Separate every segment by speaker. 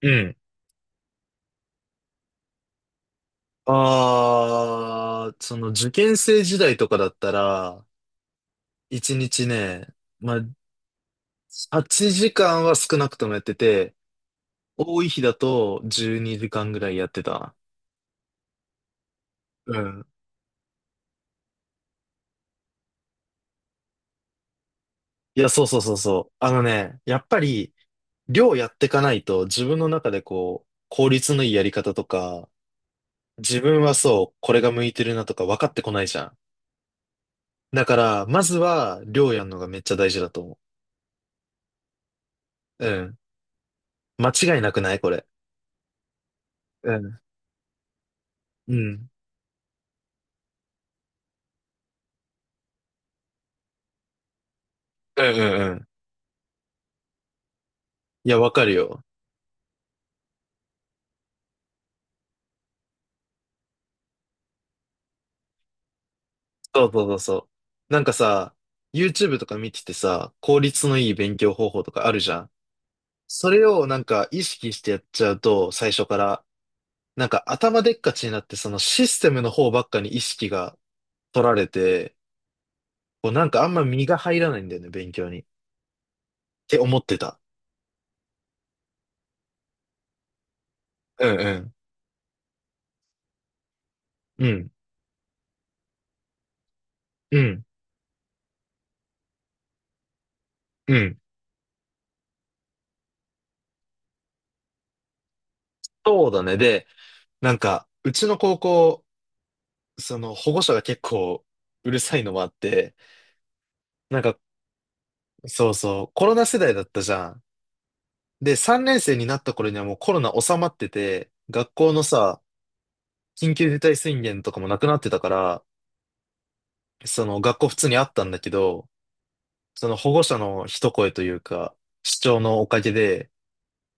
Speaker 1: うん。ああ、その受験生時代とかだったら、一日ね、まあ、8時間は少なくともやってて、多い日だと12時間ぐらいやってたな。うん。いや、そうそうそうそう。あのね、やっぱり、量やってかないと自分の中でこう、効率のいいやり方とか、自分はそう、これが向いてるなとか分かってこないじゃん。だから、まずは量やるのがめっちゃ大事だと思う。うん。間違いなくない？これ。うん。うん。うんうんうん。いや、わかるよ。そうそうそうそう。なんかさ、YouTube とか見ててさ、効率のいい勉強方法とかあるじゃん。それをなんか意識してやっちゃうと、最初から、なんか頭でっかちになって、そのシステムの方ばっかに意識が取られて、こうなんかあんま身が入らないんだよね、勉強に、って思ってた。うんうん。うん。うん。うん。そうだね。で、なんか、うちの高校、その保護者が結構うるさいのもあって、なんかそうそう、コロナ世代だったじゃん。で、3年生になった頃にはもうコロナ収まってて、学校のさ、緊急事態宣言とかもなくなってたから、その学校普通にあったんだけど、その保護者の一声というか、主張のおかげで、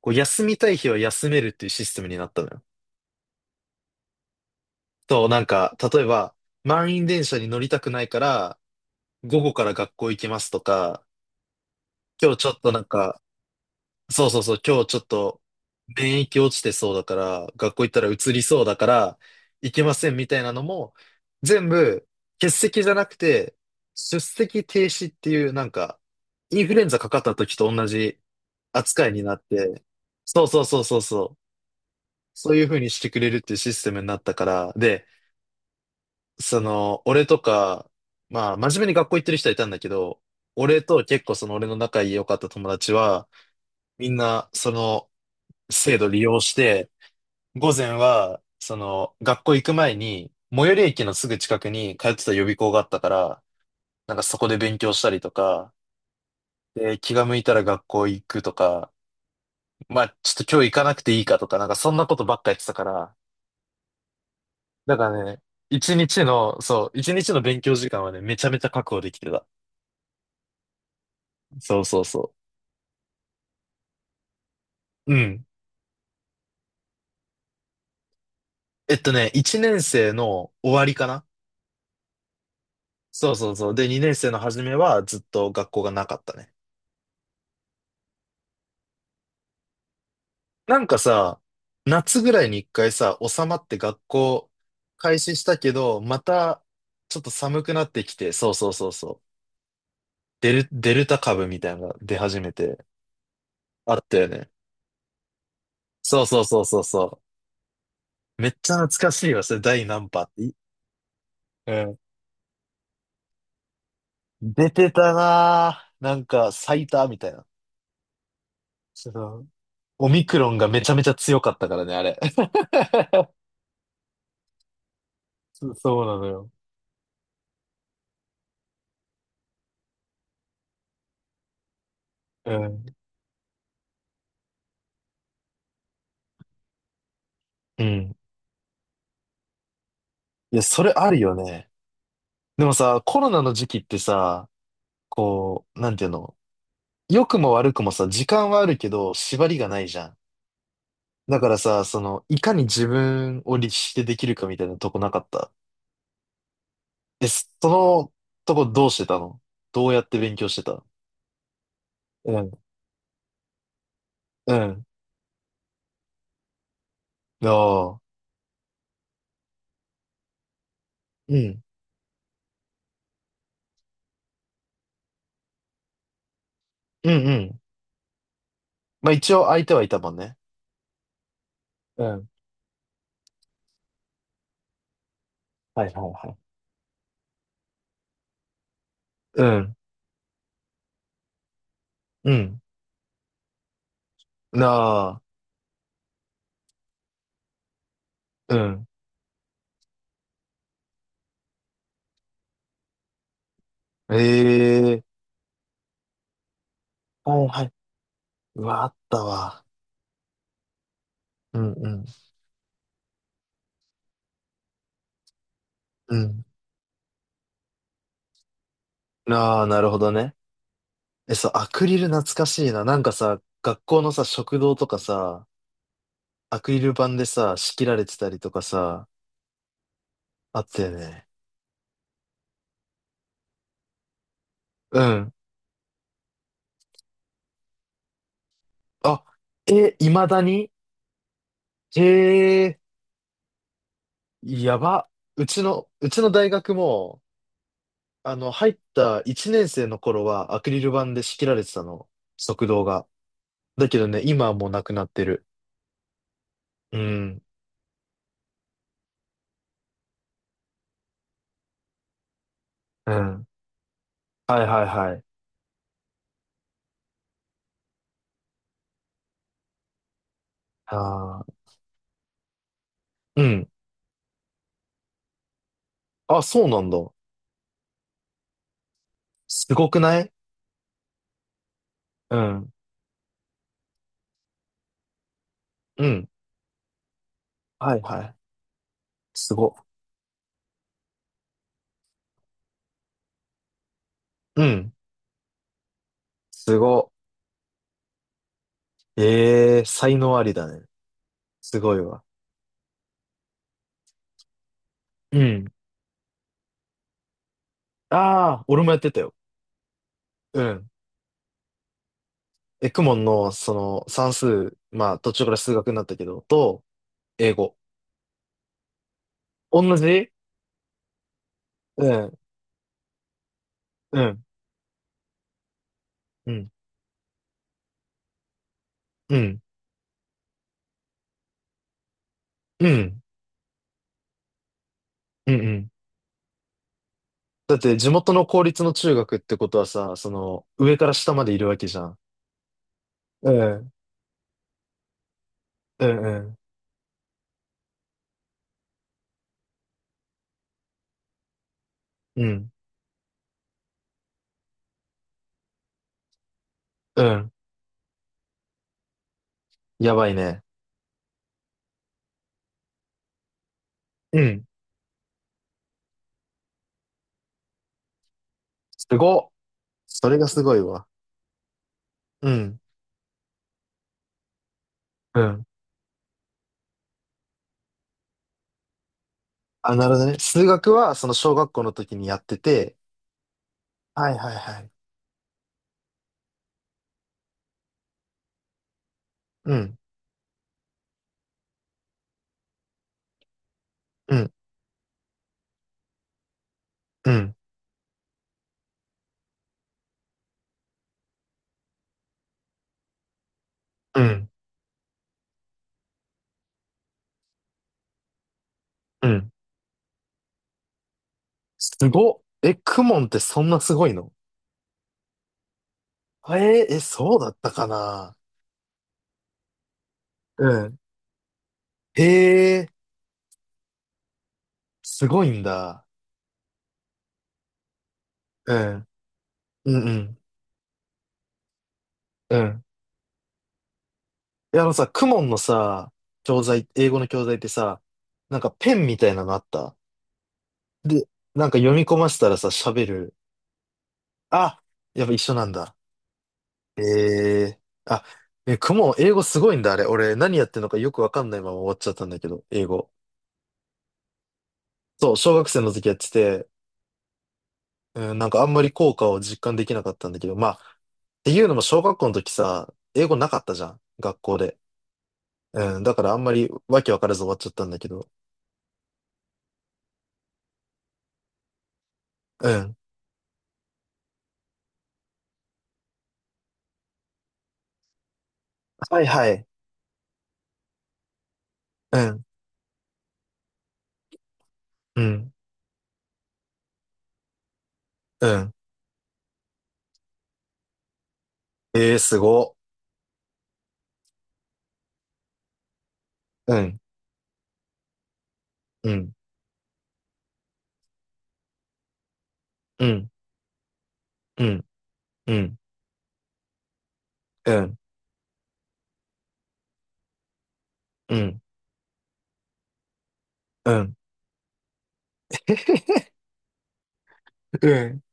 Speaker 1: こう休みたい日は休めるっていうシステムになったのよ。と、なんか、例えば、満員電車に乗りたくないから、午後から学校行きますとか、今日ちょっとなんか、そうそうそう、今日ちょっと免疫落ちてそうだから、学校行ったら移りそうだから、行けませんみたいなのも、全部欠席じゃなくて、出席停止っていうなんか、インフルエンザかかった時と同じ扱いになって、そうそうそうそうそう、そういう風にしてくれるっていうシステムになったから、で、その、俺とか、まあ、真面目に学校行ってる人はいたんだけど、俺と結構その俺の仲良かった友達は、みんな、その、制度利用して、午前は、その、学校行く前に、最寄り駅のすぐ近くに通ってた予備校があったから、なんかそこで勉強したりとか、で、気が向いたら学校行くとか、まあ、ちょっと今日行かなくていいかとか、なんかそんなことばっかやってたから、だからね、一日の、そう、一日の勉強時間はね、めちゃめちゃ確保できてた。そうそうそう。うん。ね、一年生の終わりかな。そうそうそう。で、二年生の初めはずっと学校がなかったね。なんかさ、夏ぐらいに一回さ、収まって学校開始したけど、またちょっと寒くなってきて、そうそうそうそう。デルタ株みたいなのが出始めて、あったよね。そうそうそうそうそう。めっちゃ懐かしいわ、それ第何波って。うん。出てたなぁ。なんか最多みたいな。そのオミクロンがめちゃめちゃ強かったからね、あれ。そうそうなのよ。うん。うん。いや、それあるよね。でもさ、コロナの時期ってさ、こう、なんていうの、良くも悪くもさ、時間はあるけど、縛りがないじゃん。だからさ、その、いかに自分を律してできるかみたいなとこなかった？え、そのとこどうしてたの？どうやって勉強してた？うん、うん、ああ、うん、うん、うん。まあ一応相手はいたもんね。うん、はいはいはい。うん、うん、なあ、うん。ええ、はいはい。うわ、あったわ。うん、うん、うん。ああ、なるほどね。え、そう、アクリル懐かしいな。なんかさ、学校のさ、食堂とかさ、アクリル板でさ、仕切られてたりとかさ、あったよね。うん。あ、え、未だに？へえ、やば。うちの大学も、あの、入った1年生の頃はアクリル板で仕切られてたの。食堂が。だけどね、今はもうなくなってる。うん。うん。はいはいはい。ああ、うん。あ、そうなんだ。すごくない？うん。うん、はいはい。すご。うん、すご。ええ、才能ありだね。すごいわ。うん。ああ、俺もやってたよ。うん。エクモンの、その、算数、まあ、途中から数学になったけど、と、英語。同じ。うん、うん。うん、うん、うん、うん、うん。だって、地元の公立の中学ってことはさ、その、上から下までいるわけじゃん。うん、うん、うん。うん、うん、やばいね。うん。すごっ。それがすごいわ。うんうん。あ、なるほどね。数学は、その小学校の時にやってて、はいはいはい。うん、うん、うん、うん、うん。すごっ。え、クモンってそんなすごいの？えー、え、そうだったかな？うん。へえ、すごいんだ。うん、うん、うん、うん。いや、あのさ、クモンのさ、教材、英語の教材ってさ、なんかペンみたいなのあった？で、なんか読み込ませたらさ、喋る。あ、やっぱ一緒なんだ。ええ、あ、え、雲、英語すごいんだ、あれ。俺、何やってんのかよくわかんないまま終わっちゃったんだけど、英語。そう、小学生の時やってて、うん、なんかあんまり効果を実感できなかったんだけど、まあ、っていうのも小学校の時さ、英語なかったじゃん、学校で。うん、だからあんまりわけわからず終わっちゃったんだけど。うん。はいはい。うん、うん、うん。ええ、すご。うん、うん、うん、うん、うん、うん、うん、うん。うん。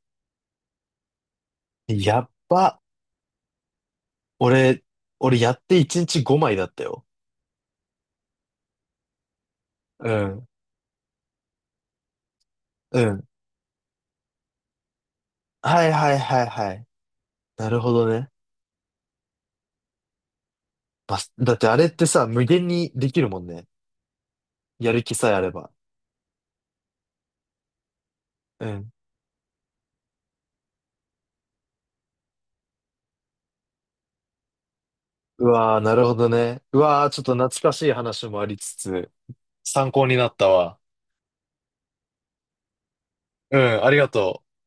Speaker 1: やっば。俺、俺やって1日5枚だったよ。うん。うん。はいはいはいはい。なるほどね。バスだってあれってさ、無限にできるもんね。やる気さえあれば。うん。うわー、なるほどね。うわー、ちょっと懐かしい話もありつつ、参考になったわ。うん、ありがとう。